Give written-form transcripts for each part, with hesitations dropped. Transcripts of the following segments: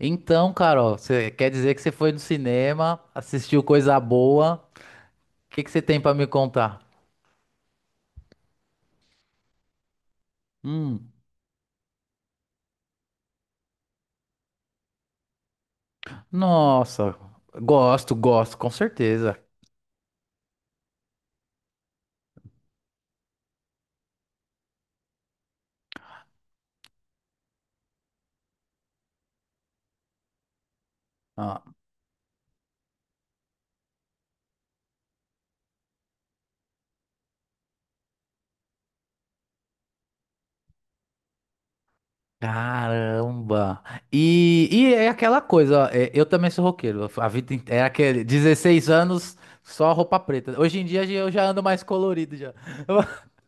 Então, Carol, você quer dizer que você foi no cinema, assistiu coisa boa? O que que você tem pra me contar? Hum, nossa, gosto, gosto, com certeza. Ah, caramba. E é aquela coisa, ó, eu também sou roqueiro. A vida é aquele 16 anos só roupa preta. Hoje em dia eu já ando mais colorido já.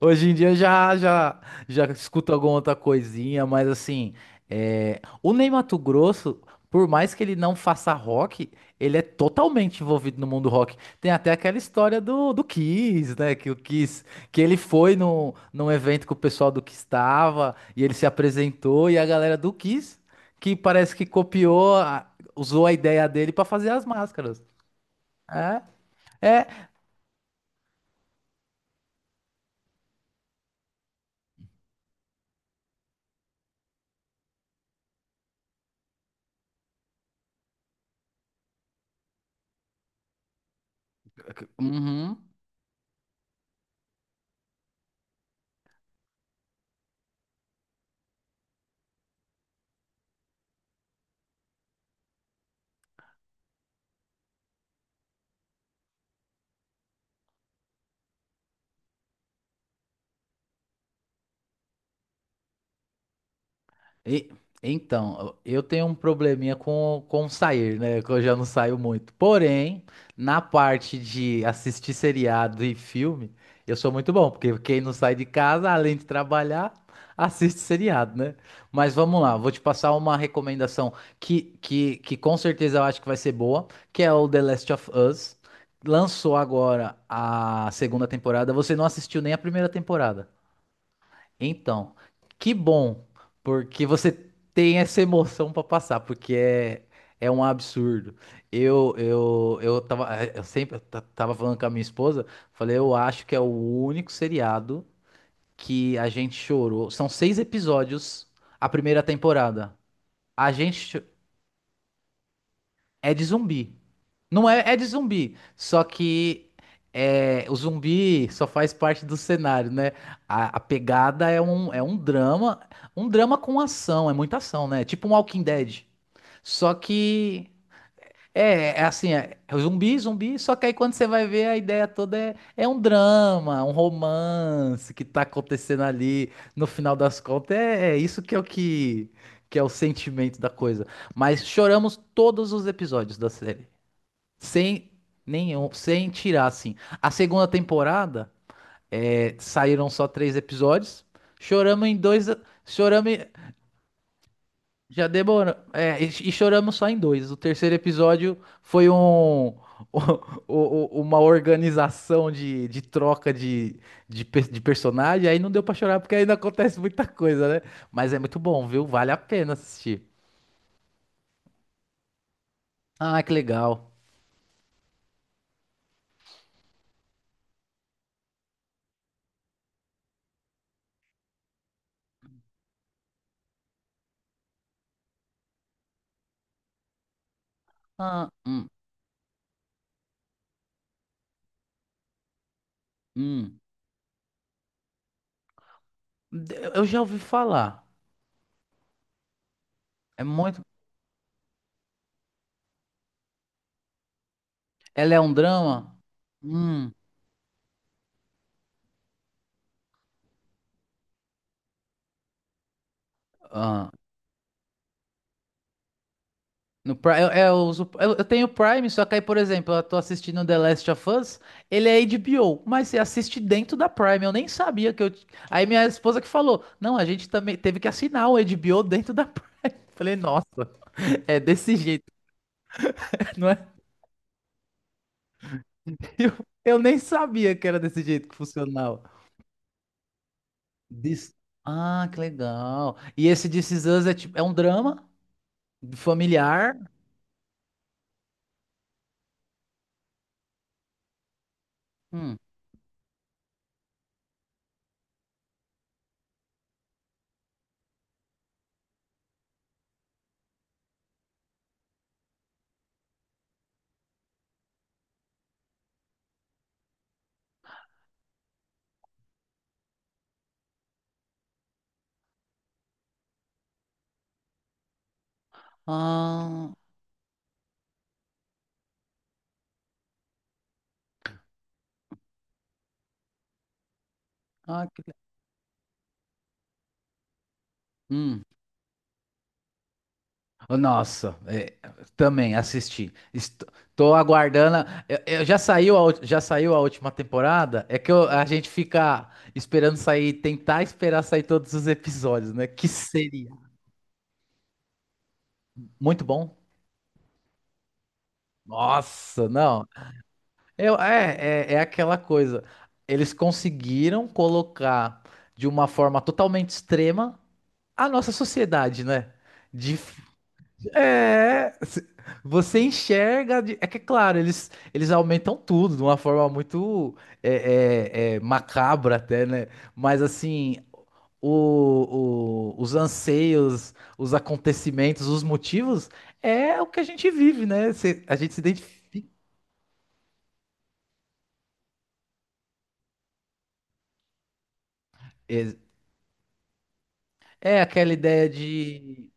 Hoje em dia eu já já escuto alguma outra coisinha, mas assim, o Ney Matogrosso, por mais que ele não faça rock, ele é totalmente envolvido no mundo rock. Tem até aquela história do Kiss, né? Que o Kiss, que ele foi no, num evento que o pessoal do Kiss estava e ele se apresentou e a galera do Kiss, que parece que copiou, usou a ideia dele para fazer as máscaras. É, é. Uhum. E- então, eu tenho um probleminha com sair, né? Que eu já não saio muito. Porém, na parte de assistir seriado e filme, eu sou muito bom, porque quem não sai de casa, além de trabalhar, assiste seriado, né? Mas vamos lá, vou te passar uma recomendação que com certeza eu acho que vai ser boa, que é o The Last of Us. Lançou agora a segunda temporada. Você não assistiu nem a primeira temporada. Então, que bom, porque você tem essa emoção pra passar, porque é um absurdo. Eu tava eu sempre tava falando com a minha esposa, falei, eu acho que é o único seriado que a gente chorou. São seis episódios a primeira temporada. A gente é de zumbi. Não é, é de zumbi. Só que o zumbi só faz parte do cenário, né? A pegada é é um drama. Um drama com ação. É muita ação, né? Tipo um Walking Dead. Só que. É assim, é zumbi, zumbi, só que aí quando você vai ver a ideia toda é um drama, um romance que tá acontecendo ali, no final das contas, é isso que é o que é o sentimento da coisa. Mas choramos todos os episódios da série. Sem nenhum, sem tirar, assim. A segunda temporada saíram só três episódios. Choramos em dois. Choramos. em- Já demorou. E choramos só em dois. O terceiro episódio foi um. Uma organização de troca de personagem, aí não deu pra chorar porque ainda acontece muita coisa, né? Mas é muito bom, viu? Vale a pena assistir. Ah, que legal. Ah, hum. Eu já ouvi falar. É muito. Ela é um drama? Hum. Ah. No Prime, eu, é, eu uso- eu tenho Prime, só que aí, por exemplo, eu tô assistindo The Last of Us, ele é HBO, mas você assiste dentro da Prime, eu nem sabia que eu... Aí minha esposa que falou, não, a gente também teve que assinar o HBO dentro da Prime. Falei, nossa, é desse jeito, não é? Eu, eu nem sabia que era desse jeito que funcionava. This- Ah, que legal. E esse This Is Us é, tipo, é um drama familiar? Hum. Ah, ah, hum, oh, nossa, também assisti. Estou aguardando. Já saiu já saiu a última temporada? É que a gente fica esperando sair, tentar esperar sair todos os episódios, né? Que seria muito bom. Nossa, não. Eu, é, é aquela coisa. Eles conseguiram colocar de uma forma totalmente extrema a nossa sociedade, né? De é, você enxerga. É que, é claro, eles aumentam tudo de uma forma muito macabra, até, né? Mas, assim, os anseios, os acontecimentos, os motivos é o que a gente vive, né? A gente se identifica. É, é aquela ideia de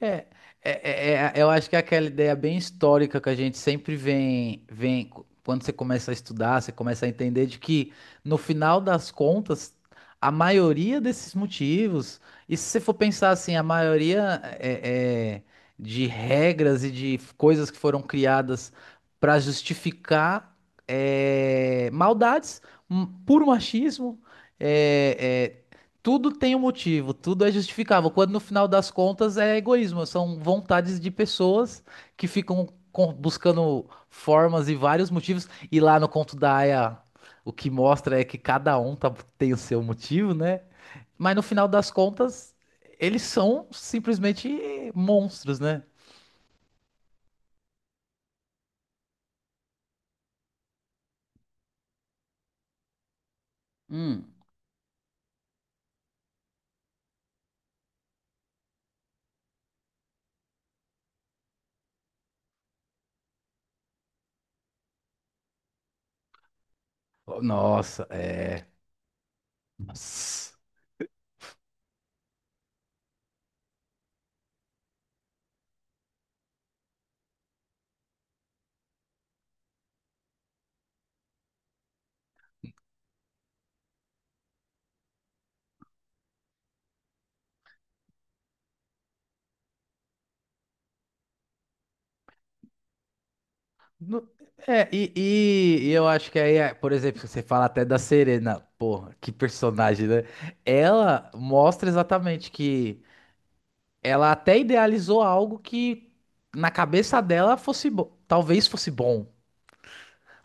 É, eu acho que é aquela ideia bem histórica que a gente sempre vem, quando você começa a estudar, você começa a entender de que no final das contas, a maioria desses motivos, e se você for pensar assim, a maioria é, de regras e de coisas que foram criadas para justificar maldades, um, puro machismo. é, é, tudo tem um motivo, tudo é justificável, quando no final das contas é egoísmo, são vontades de pessoas que ficam buscando formas e vários motivos, e lá no conto da Aya, o que mostra é que tem o seu motivo, né? Mas no final das contas, eles são simplesmente monstros, né? Hum. Nossa, é. No- É, e eu acho que aí, é, por exemplo, você fala até da Serena, porra, que personagem, né? Ela mostra exatamente que ela até idealizou algo que na cabeça dela fosse bom, talvez fosse bom,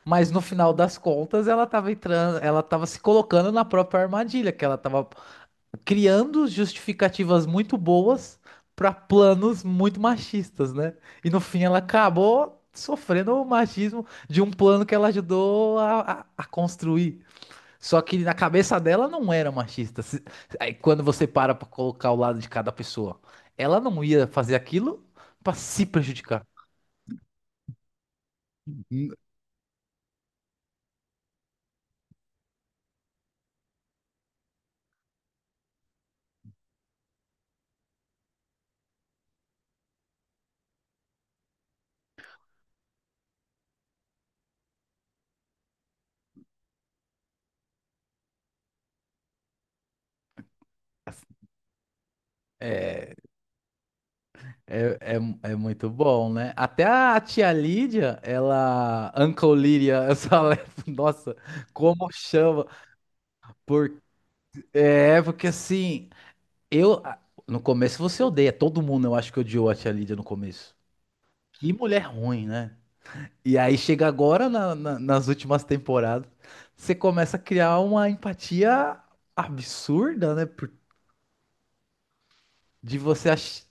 mas no final das contas ela tava entrando, ela tava se colocando na própria armadilha, que ela tava criando justificativas muito boas para planos muito machistas, né? E no fim ela acabou sofrendo o machismo de um plano que ela ajudou a construir. Só que na cabeça dela não era machista. Aí quando você para para colocar o lado de cada pessoa, ela não ia fazer aquilo para se prejudicar. É, é, é, é muito bom, né? Até a tia Lídia, ela. Uncle Lídia, essa. Nossa, como chama? Por... É, porque assim, eu. a- no começo você odeia, todo mundo eu acho que odiou a Tia Lídia no começo. Que mulher ruim, né? E aí chega agora nas últimas temporadas, você começa a criar uma empatia absurda, né? De você achar.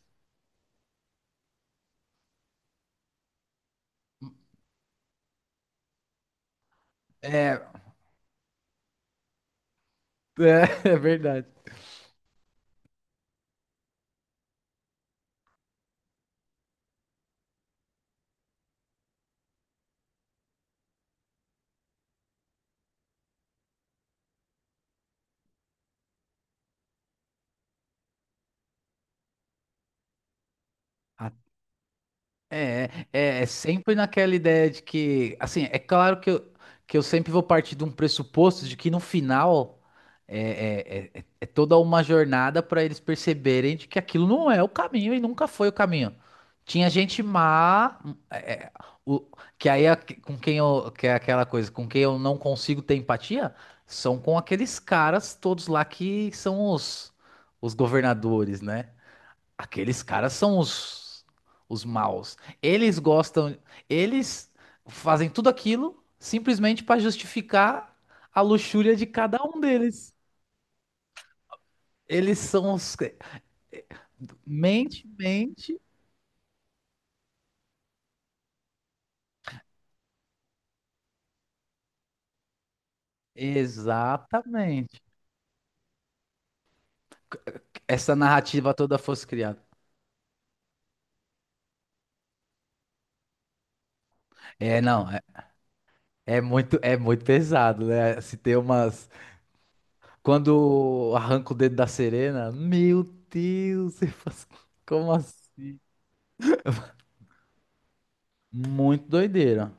É, é, é verdade. É sempre naquela ideia de que, assim, é claro que que eu sempre vou partir de um pressuposto de que no final é toda uma jornada para eles perceberem de que aquilo não é o caminho e nunca foi o caminho. Tinha gente má, é, é, o- que aí é que é aquela coisa, com quem eu não consigo ter empatia, são com aqueles caras todos lá que são os governadores, né? Aqueles caras são os maus. Eles gostam, eles fazem tudo aquilo simplesmente para justificar a luxúria de cada um deles. Eles são os. Mente, mente. Exatamente. Essa narrativa toda fosse criada. É, não, é, é muito pesado, né? Se tem umas. Quando arranca o dedo da Serena, meu Deus, você faz... como assim? Muito doideira.